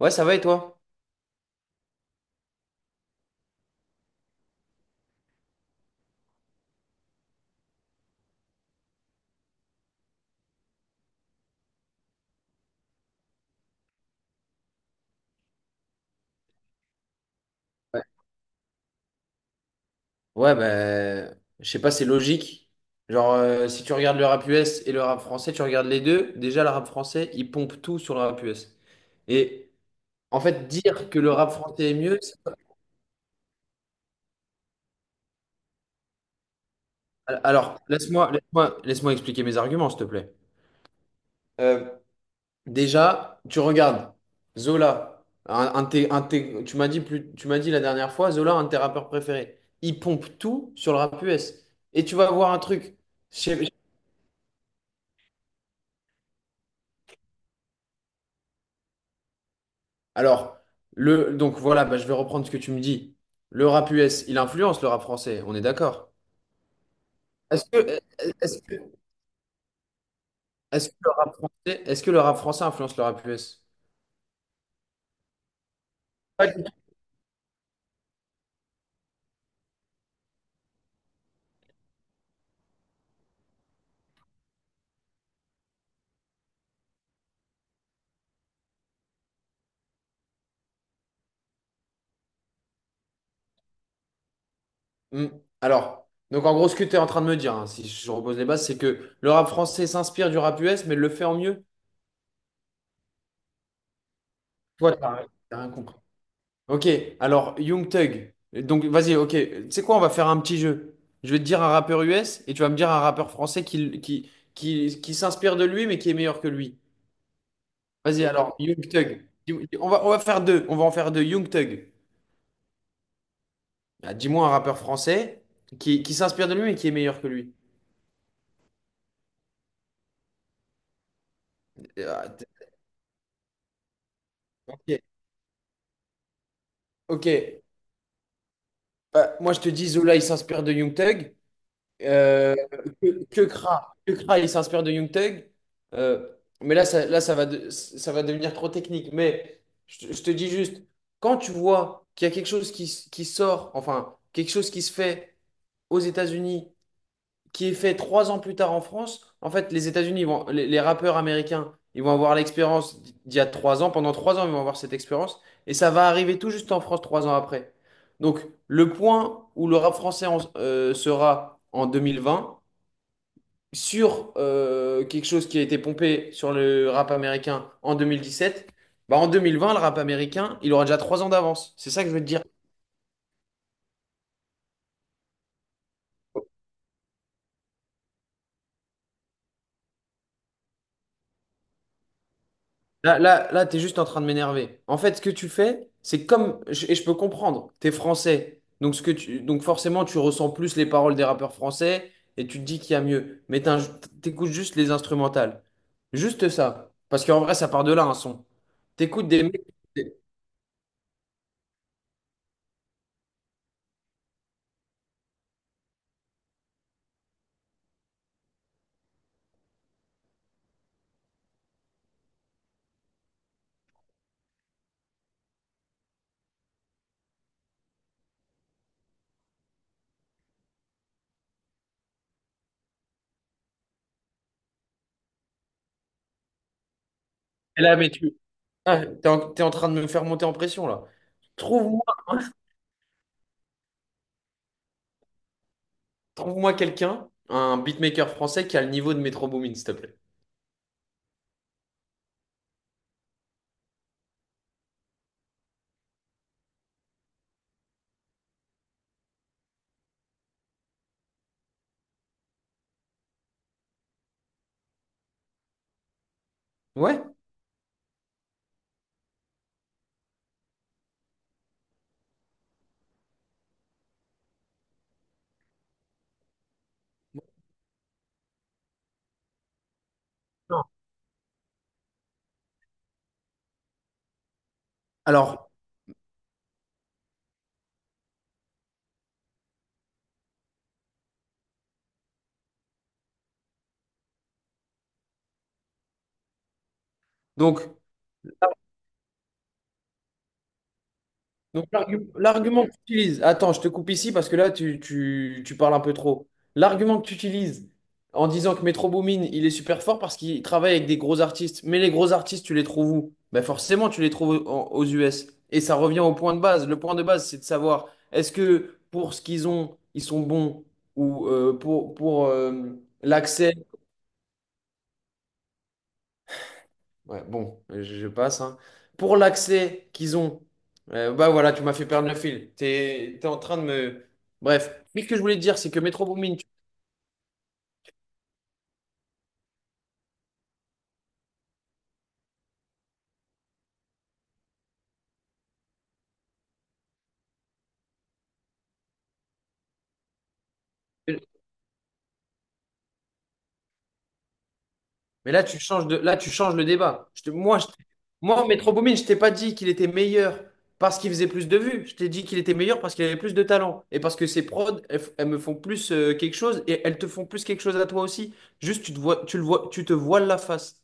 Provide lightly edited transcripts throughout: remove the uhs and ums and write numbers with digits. Ouais, ça va et toi? Ouais. Ouais, bah, je sais pas, c'est logique. Genre, si tu regardes le rap US et le rap français, tu regardes les deux. Déjà, le rap français, il pompe tout sur le rap US. Et en fait, dire que le rap français est mieux, c'est-. Alors, laisse-moi expliquer mes arguments, s'il te plaît. Euh, Déjà, tu regardes Zola, tu m'as dit plus, tu m'as dit la dernière fois, Zola, un de tes rappeurs préférés. Il pompe tout sur le rap US. Et tu vas voir un truc. Alors, donc voilà, bah, je vais reprendre ce que tu me dis. Le rap US, il influence le rap français, on est d'accord. Est-ce que, est-ce que, est-ce que le rap français, est-ce que le rap français influence le rap US? Pas du tout. Hmm. Alors, donc en gros, ce que tu es en train de me dire, hein, si je repose les bases, c'est que le rap français s'inspire du rap US, mais le fait en mieux. Toi, t'as rien compris. Ok, alors Young Thug. Donc vas-y, ok. Tu sais quoi, on va faire un petit jeu. Je vais te dire un rappeur US et tu vas me dire un rappeur français qui s'inspire de lui mais qui est meilleur que lui. Vas-y, alors, Young Thug. On va faire deux. On va en faire deux. Young Thug. Dis-moi un rappeur français qui s'inspire de lui et qui est meilleur que lui. Euh, Ah, t- ok. Ok. Bah, moi, je te dis, Zola, il s'inspire de Young Thug. Euh, que Kra. Que Kra, il s'inspire de Young Thug. Euh, mais là, ça va ça va devenir trop technique. Mais je te dis juste, quand tu vois qu'il y a quelque chose qui sort, enfin, quelque chose qui se fait aux États-Unis qui est fait 3 ans plus tard en France. En fait, les États-Unis vont, les rappeurs américains, ils vont avoir l'expérience d'il y a 3 ans. Pendant 3 ans, ils vont avoir cette expérience. Et ça va arriver tout juste en France 3 ans après. Donc, le point où le rap français sera en 2020 sur quelque chose qui a été pompé sur le rap américain en 2017, bah en 2020, le rap américain, il aura déjà 3 ans d'avance. C'est ça que je veux te dire. Là, t'es juste en train de m'énerver. En fait, ce que tu fais, c'est comme, et je peux comprendre, t'es français, donc ce que tu, donc forcément, tu ressens plus les paroles des rappeurs français et tu te dis qu'il y a mieux. Mais t'écoutes juste les instrumentales, juste ça, parce qu'en vrai, ça part de là un son. T'écoutes des mecs. Et là, mais tu, t'es t'es en train de me faire monter en pression là. Trouve-moi, trouve-moi quelqu'un, un beatmaker français qui a le niveau de Metro Boomin, s'il te plaît. Ouais. Non. Alors, donc. Donc, l'argument que tu utilises, attends, je te coupe ici parce que là, tu parles un peu trop. L'argument que tu utilises en disant que Metro Boomin, il est super fort parce qu'il travaille avec des gros artistes, mais les gros artistes, tu les trouves où? Ben forcément, tu les trouves aux US. Et ça revient au point de base. Le point de base, c'est de savoir est-ce que pour ce qu'ils ont, ils sont bons ou pour l'accès. Ouais, bon, je passe, hein. Pour l'accès qu'ils ont, bah voilà, tu m'as fait perdre le fil. T'es en train de me. Bref, mais ce que je voulais te dire, c'est que Metro Boomin, tu- mais là, là, tu changes le débat. Je te- moi, je, moi, Metro Boomin, je t'ai pas dit qu'il était meilleur parce qu'il faisait plus de vues. Je t'ai dit qu'il était meilleur parce qu'il avait plus de talent. Et parce que ses prods, elles me font plus quelque chose et elles te font plus quelque chose à toi aussi. Juste, tu te vois, tu le vois, tu te voiles la face.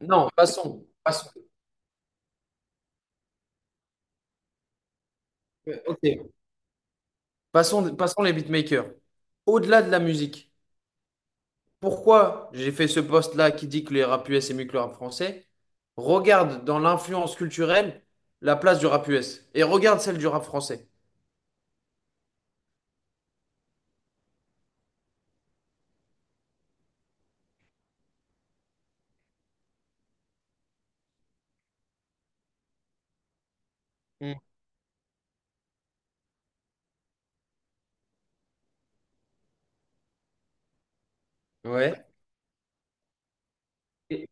Non, passons. Passons. Ok. Passons, passons les beatmakers. Au-delà de la musique. Pourquoi j'ai fait ce post-là qui dit que le rap US est mieux que le rap français, regarde dans l'influence culturelle la place du rap US et regarde celle du rap français. Mm. Ouais. Et,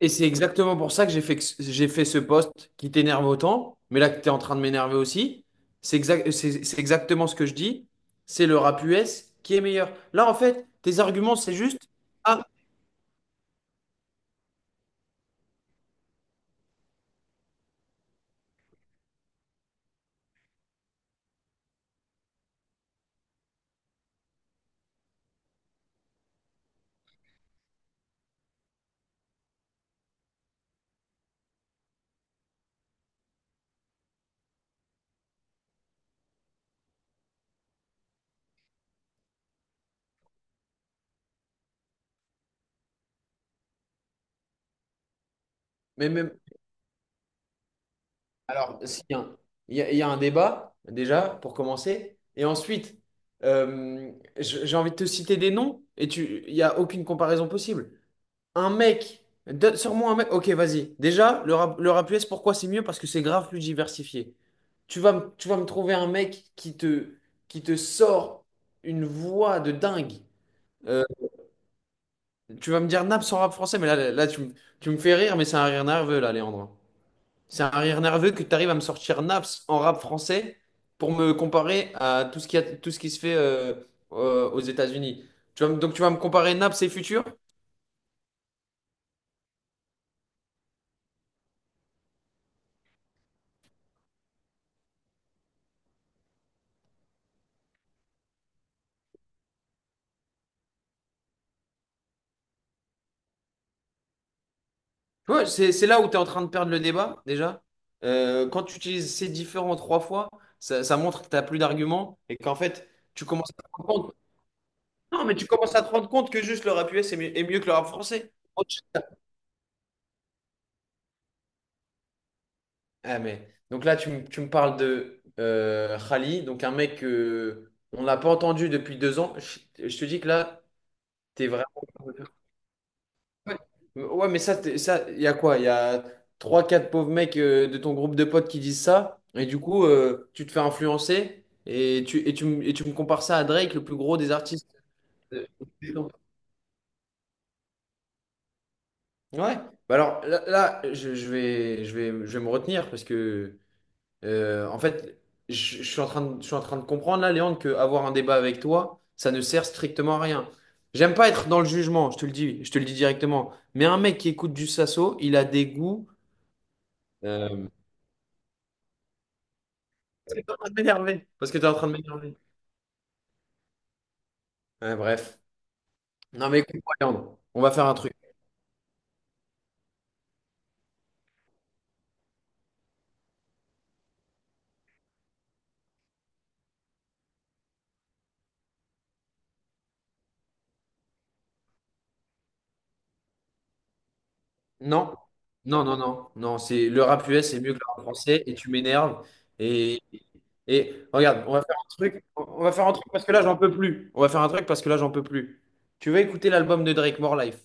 et c'est exactement pour ça que j'ai fait, j'ai fait ce post qui t'énerve autant, mais là que tu es en train de m'énerver aussi. C'est exact, c'est exactement ce que je dis. C'est le rap US qui est meilleur. Là, en fait, tes arguments, c'est juste. Ah, mais, même. Alors, s'il y a un- il y a un débat, déjà, pour commencer. Et ensuite, j'ai envie de te citer des noms et tu, il n'y a aucune comparaison possible. Un mec, sors-moi un mec. Ok, vas-y. Déjà, le rap US, pourquoi c'est mieux? Parce que c'est grave plus diversifié. Tu vas me trouver un mec qui te sort une voix de dingue. Euh, tu vas me dire Naps en rap français, mais tu me fais rire, mais c'est un rire nerveux, là, Léandre. C'est un rire nerveux que tu arrives à me sortir Naps en rap français pour me comparer à tout tout ce qui se fait aux États-Unis. Donc tu vas me comparer Naps et Futur? Ouais, c'est là où tu es en train de perdre le débat déjà. Quand tu utilises ces différents trois fois, ça montre que tu n'as plus d'arguments et qu'en fait, tu commences à te rendre compte. Non, mais tu commences à te rendre compte que juste le rap US est mieux que le rap français. Ah, mais... Donc là, tu me parles de Khali, donc un mec que on n'a pas entendu depuis 2 ans. Je te dis que là, t'es vraiment. Ouais, Ouais, mais ça, ça, il y a quoi? Il y a trois, quatre pauvres mecs de ton groupe de potes qui disent ça, et du coup, tu te fais influencer, et tu me compares ça à Drake, le plus gros des artistes. Ouais. Bah alors je vais me retenir parce que en fait, je, je suis en train de comprendre là, Léandre, que avoir un débat avec toi, ça ne sert strictement à rien. J'aime pas être dans le jugement, je te le dis, je te le dis directement. Mais un mec qui écoute du Sasso, il a des goûts. Euh... Parce que t'es en train de m'énerver. Parce que t'es en train de m'énerver. Ouais, bref. Non mais écoute Léandre, on va faire un truc. Non, non, c'est le rap US c'est mieux que le rap français et tu m'énerves. Et, et regarde, on va faire un truc, on va faire un truc parce que là j'en peux plus. On va faire un truc parce que là j'en peux plus. Tu vas écouter l'album de Drake, More Life.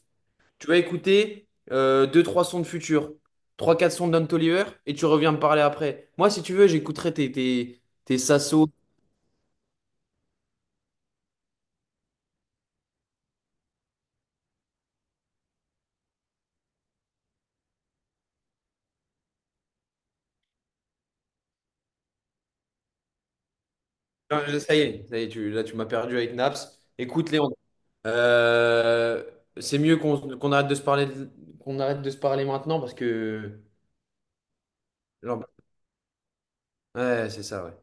Tu vas écouter deux, trois sons de Future, trois, quatre sons de Don Toliver et tu reviens me parler après. Moi, si tu veux, j'écouterai tes Sasso. Non, je- ça y est, là tu m'as perdu avec Naps. Écoute-les, on Euh, c'est mieux qu'on arrête de se parler, qu'on arrête de se parler maintenant parce que. Ouais, c'est ça, ouais.